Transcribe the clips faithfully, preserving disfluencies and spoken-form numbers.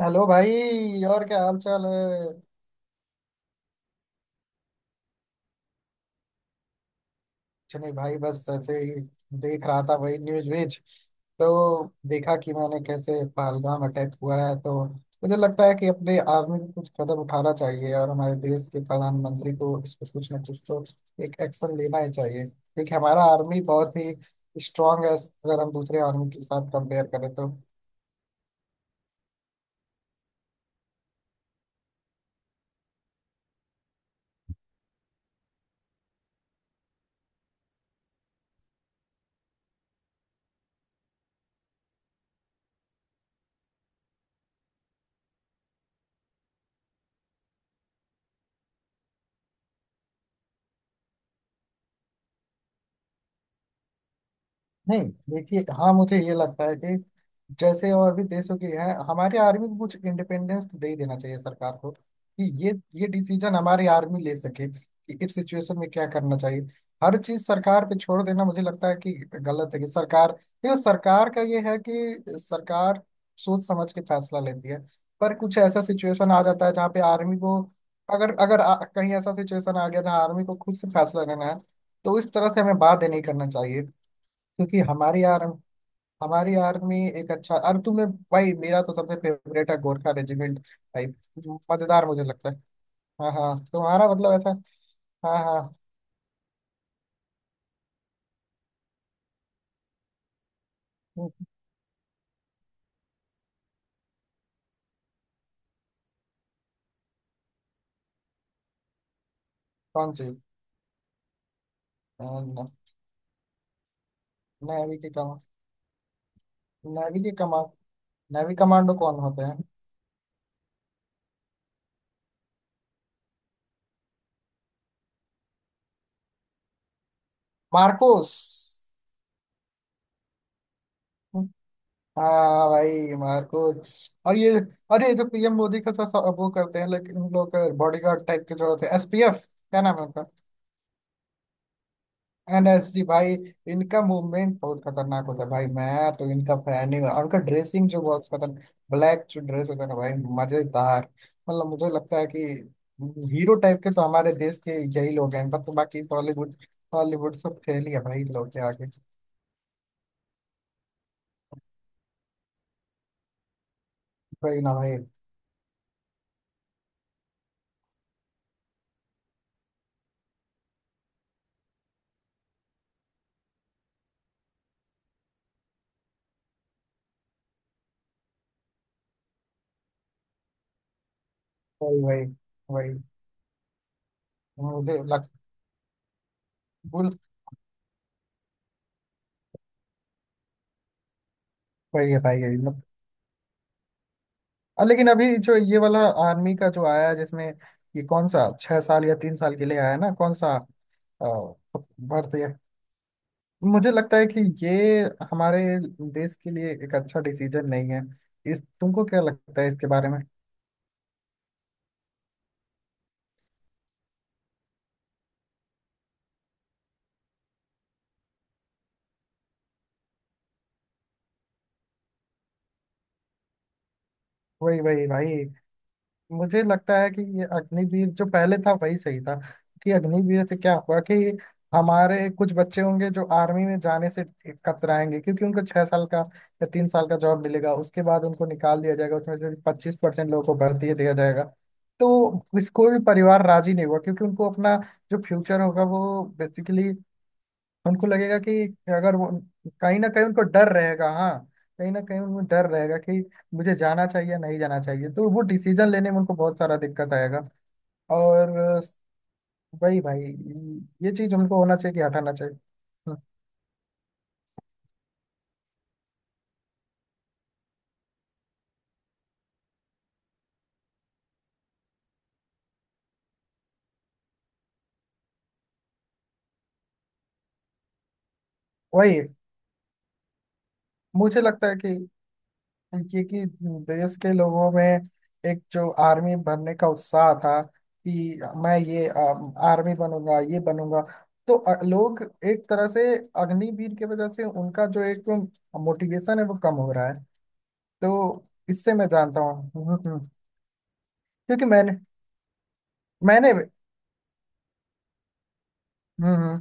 Hello भाई, और क्या हाल चाल है? कुछ नहीं भाई, बस ऐसे ही। देख रहा था वही न्यूज व्यूज, तो देखा कि मैंने कैसे पहलगाम अटैक हुआ है। तो मुझे लगता है कि अपने आर्मी को कुछ कदम उठाना चाहिए, और हमारे देश के प्रधानमंत्री को इस पर कुछ ना कुछ तो एक एक्शन लेना ही चाहिए, क्योंकि हमारा आर्मी बहुत ही स्ट्रांग है अगर हम दूसरे आर्मी के साथ कंपेयर करें तो। नहीं, देखिए, हाँ, मुझे ये लगता है कि जैसे और भी देशों की है, हमारी आर्मी को कुछ इंडिपेंडेंस तो दे ही देना चाहिए सरकार को, कि ये ये डिसीजन हमारी आर्मी ले सके कि इस सिचुएशन में क्या करना चाहिए। हर चीज सरकार पे छोड़ देना मुझे लगता है कि गलत है, कि सरकार, ये सरकार का ये है कि सरकार सोच समझ के फैसला लेती है, पर कुछ ऐसा सिचुएशन आ जाता है जहाँ पे आर्मी को, अगर अगर आ, कहीं ऐसा सिचुएशन आ गया जहाँ आर्मी को खुद से फैसला लेना है, तो इस तरह से हमें बात नहीं करना चाहिए, क्योंकि हमारी, यार, हमारी आर्मी एक अच्छा, अरे तुम्हें भाई मेरा तो सबसे फेवरेट है गोरखा रेजिमेंट भाई। मजेदार, मुझे लगता है। हाँ हाँ, तुम्हारा मतलब ऐसा। हाँ हाँ। हम्म, कौन सी? नेवी की कमान, नेवी की कमान, नेवी कमांडो कौन होते हैं? मार्कोस। हाँ भाई, मार्कोस। और ये, अरे जो पी एम मोदी का सा, सा, वो करते हैं, लेकिन उन लोग बॉडीगार्ड टाइप के जो होते हैं, एस पी एफ क्या नाम है? एन एस जी भाई। इनका मूवमेंट बहुत खतरनाक होता है भाई, मैं तो इनका फैन ही हूँ, और इनका ड्रेसिंग जो बहुत खतरनाक, ब्लैक जो ड्रेस होता है ना भाई, मजेदार। मतलब मुझे लगता है कि हीरो टाइप के तो हमारे देश के यही लोग हैं, बट बाकी बॉलीवुड, हॉलीवुड सब फेल ही है भाई इन लोग के आगे। वही ना भाई। वही वही वही, मुझे लग, बुल, वही है भाई, यही मतलब, अ, लेकिन अभी जो ये वाला आर्मी का जो आया है, जिसमें ये कौन सा छह साल या तीन साल के लिए आया है ना, कौन सा अ, भर्ती। मुझे लगता है कि ये हमारे देश के लिए एक अच्छा डिसीजन नहीं है। इस, तुमको क्या लगता है इसके बारे में? वही वही भाई। मुझे लगता है कि ये अग्निवीर जो पहले था वही सही था। कि अग्निवीर से क्या हुआ कि हमारे कुछ बच्चे होंगे जो आर्मी में जाने से कतराएंगे, क्योंकि उनको छह साल का या तीन साल का जॉब मिलेगा, उसके बाद उनको निकाल दिया जाएगा, उसमें से पच्चीस परसेंट लोगों को भर्ती दिया जाएगा। तो इस, कोई भी परिवार राजी नहीं हुआ, क्योंकि उनको अपना जो फ्यूचर होगा वो बेसिकली, उनको लगेगा कि अगर वो, कहीं ना कहीं उनको डर रहेगा। हाँ, कहीं ना कहीं उनको डर रहेगा कि मुझे जाना चाहिए, नहीं जाना चाहिए, तो वो डिसीजन लेने में उनको बहुत सारा दिक्कत आएगा। और वही भाई, ये चीज उनको होना चाहिए कि हटाना चाहिए। हम्म, वही। मुझे लगता है कि, क्योंकि देश के लोगों में एक जो आर्मी बनने का उत्साह था कि मैं ये अम, आर्मी बनूंगा, ये बनूंगा, तो अ, लोग एक तरह से अग्निवीर की वजह से उनका जो एक मोटिवेशन है वो कम हो रहा है। तो इससे मैं जानता हूँ। हम्म, हम्म, हम्म, क्योंकि मैंने मैंने हम्म हम्म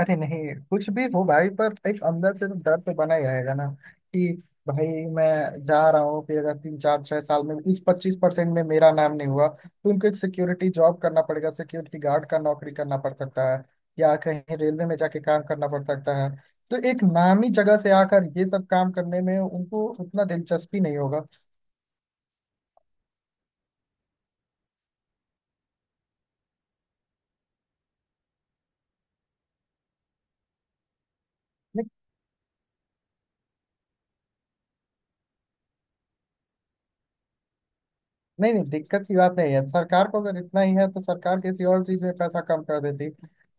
अरे नहीं, कुछ भी हो भाई, पर एक अंदर से तो डर तो बना ही रहेगा ना, कि भाई मैं जा रहा हूँ कि अगर तीन चार छह साल में इस पच्चीस परसेंट में मेरा नाम नहीं हुआ, तो उनको एक सिक्योरिटी जॉब करना पड़ेगा, सिक्योरिटी गार्ड का नौकरी करना पड़ सकता है, या कहीं रेलवे में जाके काम करना पड़ सकता है। तो एक नामी जगह से आकर ये सब काम करने में उनको उतना दिलचस्पी नहीं होगा। नहीं नहीं, दिक्कत की बात नहीं है, सरकार को अगर इतना ही है तो सरकार किसी और चीज में पैसा कम कर देती,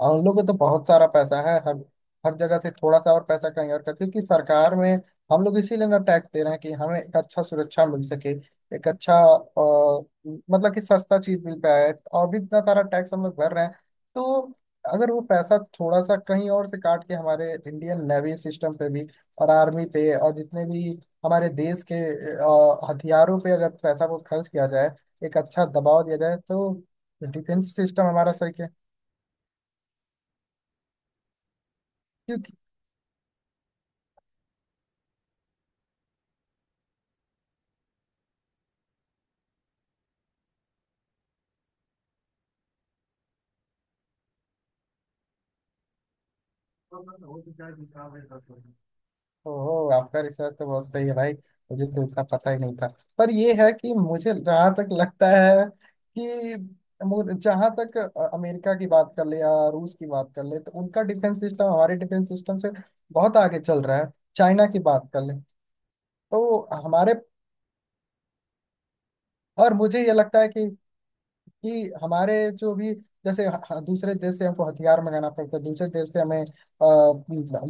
और उन लोगों को तो बहुत सारा पैसा है, हर हर जगह से थोड़ा सा और पैसा कहीं और करती, क्योंकि सरकार में हम लोग इसीलिए ना टैक्स दे रहे हैं कि हमें एक अच्छा सुरक्षा मिल सके, एक अच्छा अ, मतलब कि सस्ता चीज मिल पाए, और भी इतना सारा टैक्स हम लोग भर रहे हैं। तो अगर वो पैसा थोड़ा सा कहीं और से काट के हमारे इंडियन नेवी सिस्टम पे भी और आर्मी पे और जितने भी हमारे देश के अ, हथियारों पे अगर पैसा को खर्च किया जाए, एक अच्छा दबाव दिया जाए, तो डिफेंस सिस्टम हमारा सही है, क्योंकि, ओहो, आपका रिसर्च तो बहुत सही है भाई, मुझे तो इतना पता ही नहीं था। पर ये है कि मुझे जहाँ तक लगता है कि, मु- जहाँ तक अ- अमेरिका की बात कर ले या रूस की बात कर ले, तो उनका डिफेंस सिस्टम हमारे डिफेंस सिस्टम से बहुत आगे चल रहा है, चाइना की बात कर ले, तो हमारे, और मुझे ये लगता है कि कि हमारे जो भी, जैसे ह- ह- दूसरे देश से हमको हथियार मंगाना पड़ता है, दूसरे देश से हमें अ,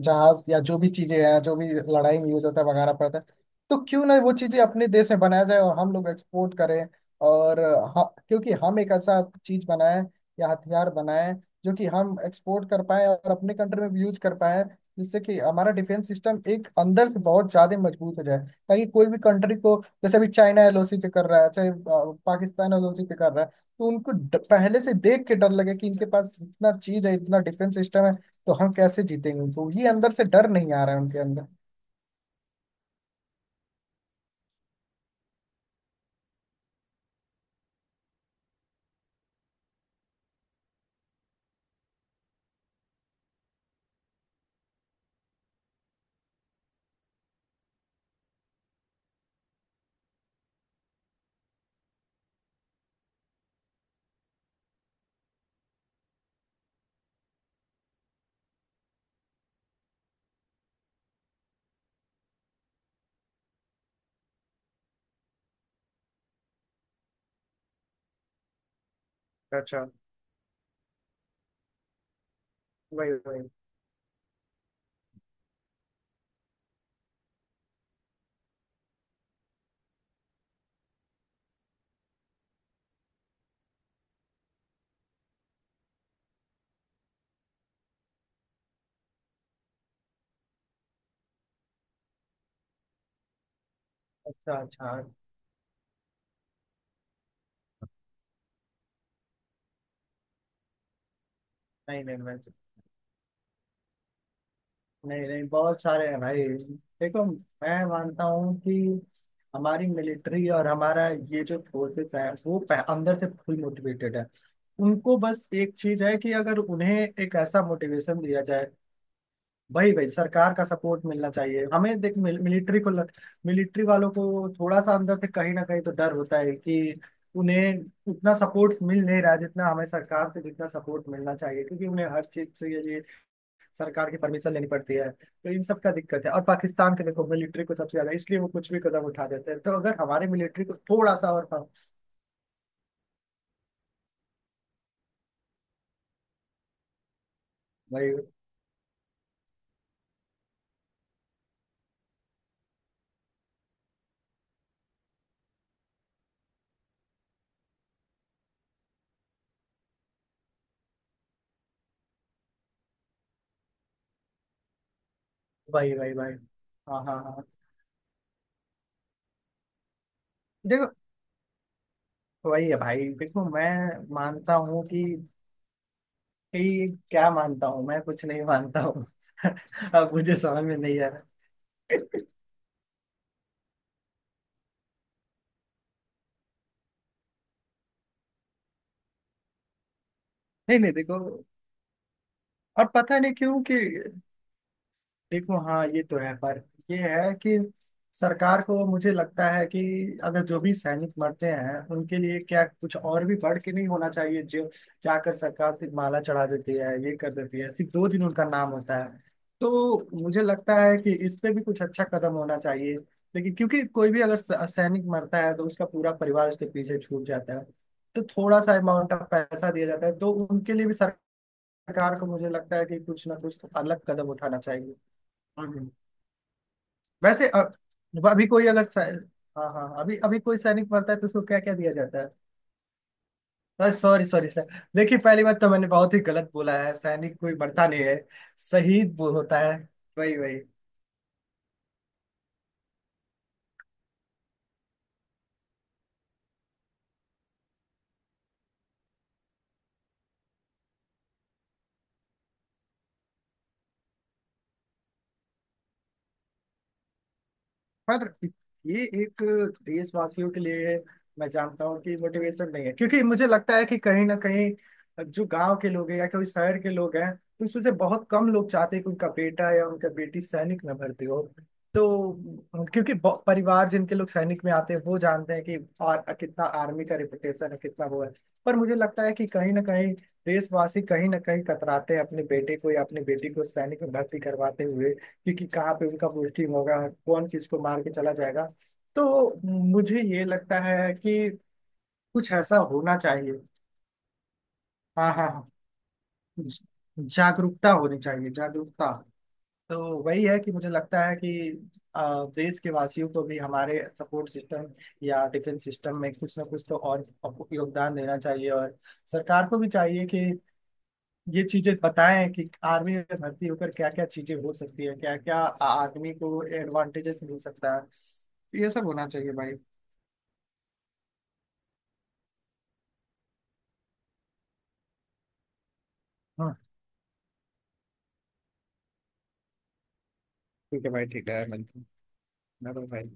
जहाज या जो भी चीजें हैं जो भी लड़ाई में यूज होता है मंगाना पड़ता है। तो क्यों ना वो चीजें अपने देश में बनाया जाए और हम लोग एक्सपोर्ट करें, और ह- क्योंकि हम एक ऐसा चीज बनाएं या हथियार बनाएं जो कि हम एक्सपोर्ट कर पाए और अपने कंट्री में भी यूज कर पाए, जिससे कि हमारा डिफेंस सिस्टम एक अंदर से बहुत ज्यादा मजबूत हो जाए, ताकि कोई भी कंट्री को, जैसे अभी चाइना एल ओ सी पे कर रहा है, चाहे अ, पाकिस्तान एल ओ सी पे कर रहा है, तो उनको ड- पहले से देख के डर लगे कि इनके पास इतना चीज है, इतना डिफेंस सिस्टम है, तो हम कैसे जीतेंगे? उनको ये अंदर से डर नहीं आ रहा है उनके अंदर। अच्छा, वही वही। अच्छा अच्छा। नहीं नहीं मैं, नहीं नहीं, बहुत सारे हैं भाई। देखो, मैं मानता हूँ कि हमारी मिलिट्री और हमारा ये जो फोर्सेस है वो पह- अंदर से फुल मोटिवेटेड है। उनको बस एक चीज है कि अगर उन्हें एक ऐसा मोटिवेशन दिया जाए। भाई भाई, सरकार का सपोर्ट मिलना चाहिए, हमें देख मिल, मिलिट्री को लग, मिलिट्री वालों को थोड़ा सा अंदर से कहीं ना कहीं तो डर होता है कि उन्हें उतना सपोर्ट मिल नहीं रहा है जितना हमें सरकार से, जितना सपोर्ट मिलना चाहिए, क्योंकि उन्हें हर चीज से ये ये सरकार की परमिशन लेनी पड़ती है, तो इन सब का दिक्कत है। और पाकिस्तान के देखो मिलिट्री को सबसे ज्यादा इसलिए वो कुछ भी कदम उठा देते हैं, तो अगर हमारे मिलिट्री को थोड़ा सा और, भाई भाई भाई भाई। हाँ हाँ हाँ। देखो, वही है भाई। देखो मैं मानता हूँ कि, ये क्या मानता हूँ, मैं कुछ नहीं मानता हूँ। अब मुझे समझ में नहीं आ रहा। नहीं नहीं, देखो, और पता नहीं क्यों कि, देखो हाँ, ये तो है, पर ये है कि सरकार को, मुझे लगता है कि अगर जो भी सैनिक मरते हैं उनके लिए क्या कुछ और भी बढ़ के नहीं होना चाहिए, जो, जाकर सरकार सिर्फ माला चढ़ा देती है, ये कर देती है, सिर्फ दो दिन उनका नाम होता है। तो मुझे लगता है कि इस पे भी कुछ अच्छा कदम होना चाहिए। लेकिन क्योंकि कोई भी अगर स- सैनिक मरता है, तो उसका पूरा परिवार उसके पीछे छूट जाता है, तो थोड़ा सा अमाउंट ऑफ पैसा दिया जाता है, तो उनके लिए भी सरकार को, मुझे लगता है कि कुछ ना कुछ तो अलग कदम उठाना चाहिए। वैसे अ, अभी कोई अगर सै- हाँ हाँ हाँ, अभी अभी कोई सैनिक मरता है तो उसको क्या क्या दिया जाता है? सॉरी सॉरी सर, देखिए पहली बात तो मैंने बहुत ही गलत बोला है, सैनिक कोई मरता नहीं है, शहीद वो होता है। वही वही। पर ये एक देशवासियों के लिए, मैं जानता हूँ कि मोटिवेशन नहीं है, क्योंकि मुझे लगता है कि कहीं ना कहीं जो गांव के लोग हैं या कोई शहर के लोग हैं, तो इसमें से बहुत कम लोग चाहते हैं कि उनका बेटा या उनका बेटी सैनिक में भर्ती हो। तो क्योंकि ब- परिवार जिनके लोग सैनिक में आते हैं वो जानते हैं कि आ, कितना आर्मी का रिपुटेशन है, कितना वो है। पर मुझे लगता है कि कहीं ना कहीं देशवासी कहीं ना कहीं कतराते हैं अपने बेटे को या अपनी बेटी को सैनिक में भर्ती करवाते हुए, क्योंकि कहाँ पे उनका पोस्टिंग होगा, कौन किसको मार के चला जाएगा। तो मुझे ये लगता है कि कुछ ऐसा होना चाहिए। हाँ हाँ हाँ। ज- जागरूकता होनी चाहिए, जागरूकता। तो वही है कि मुझे लगता है कि अ, देश के वासियों को भी हमारे सपोर्ट सिस्टम या डिफेंस सिस्टम में कुछ ना कुछ तो और अप- योगदान देना चाहिए, और सरकार को भी चाहिए कि ये चीजें बताएं कि आर्मी में भर्ती होकर क्या क्या चीजें हो सकती है, क्या क्या आदमी को एडवांटेजेस मिल सकता है। ये सब होना चाहिए भाई। हाँ, ठीक है भाई, ठीक है, मिलते हैं। Bye bye भाई।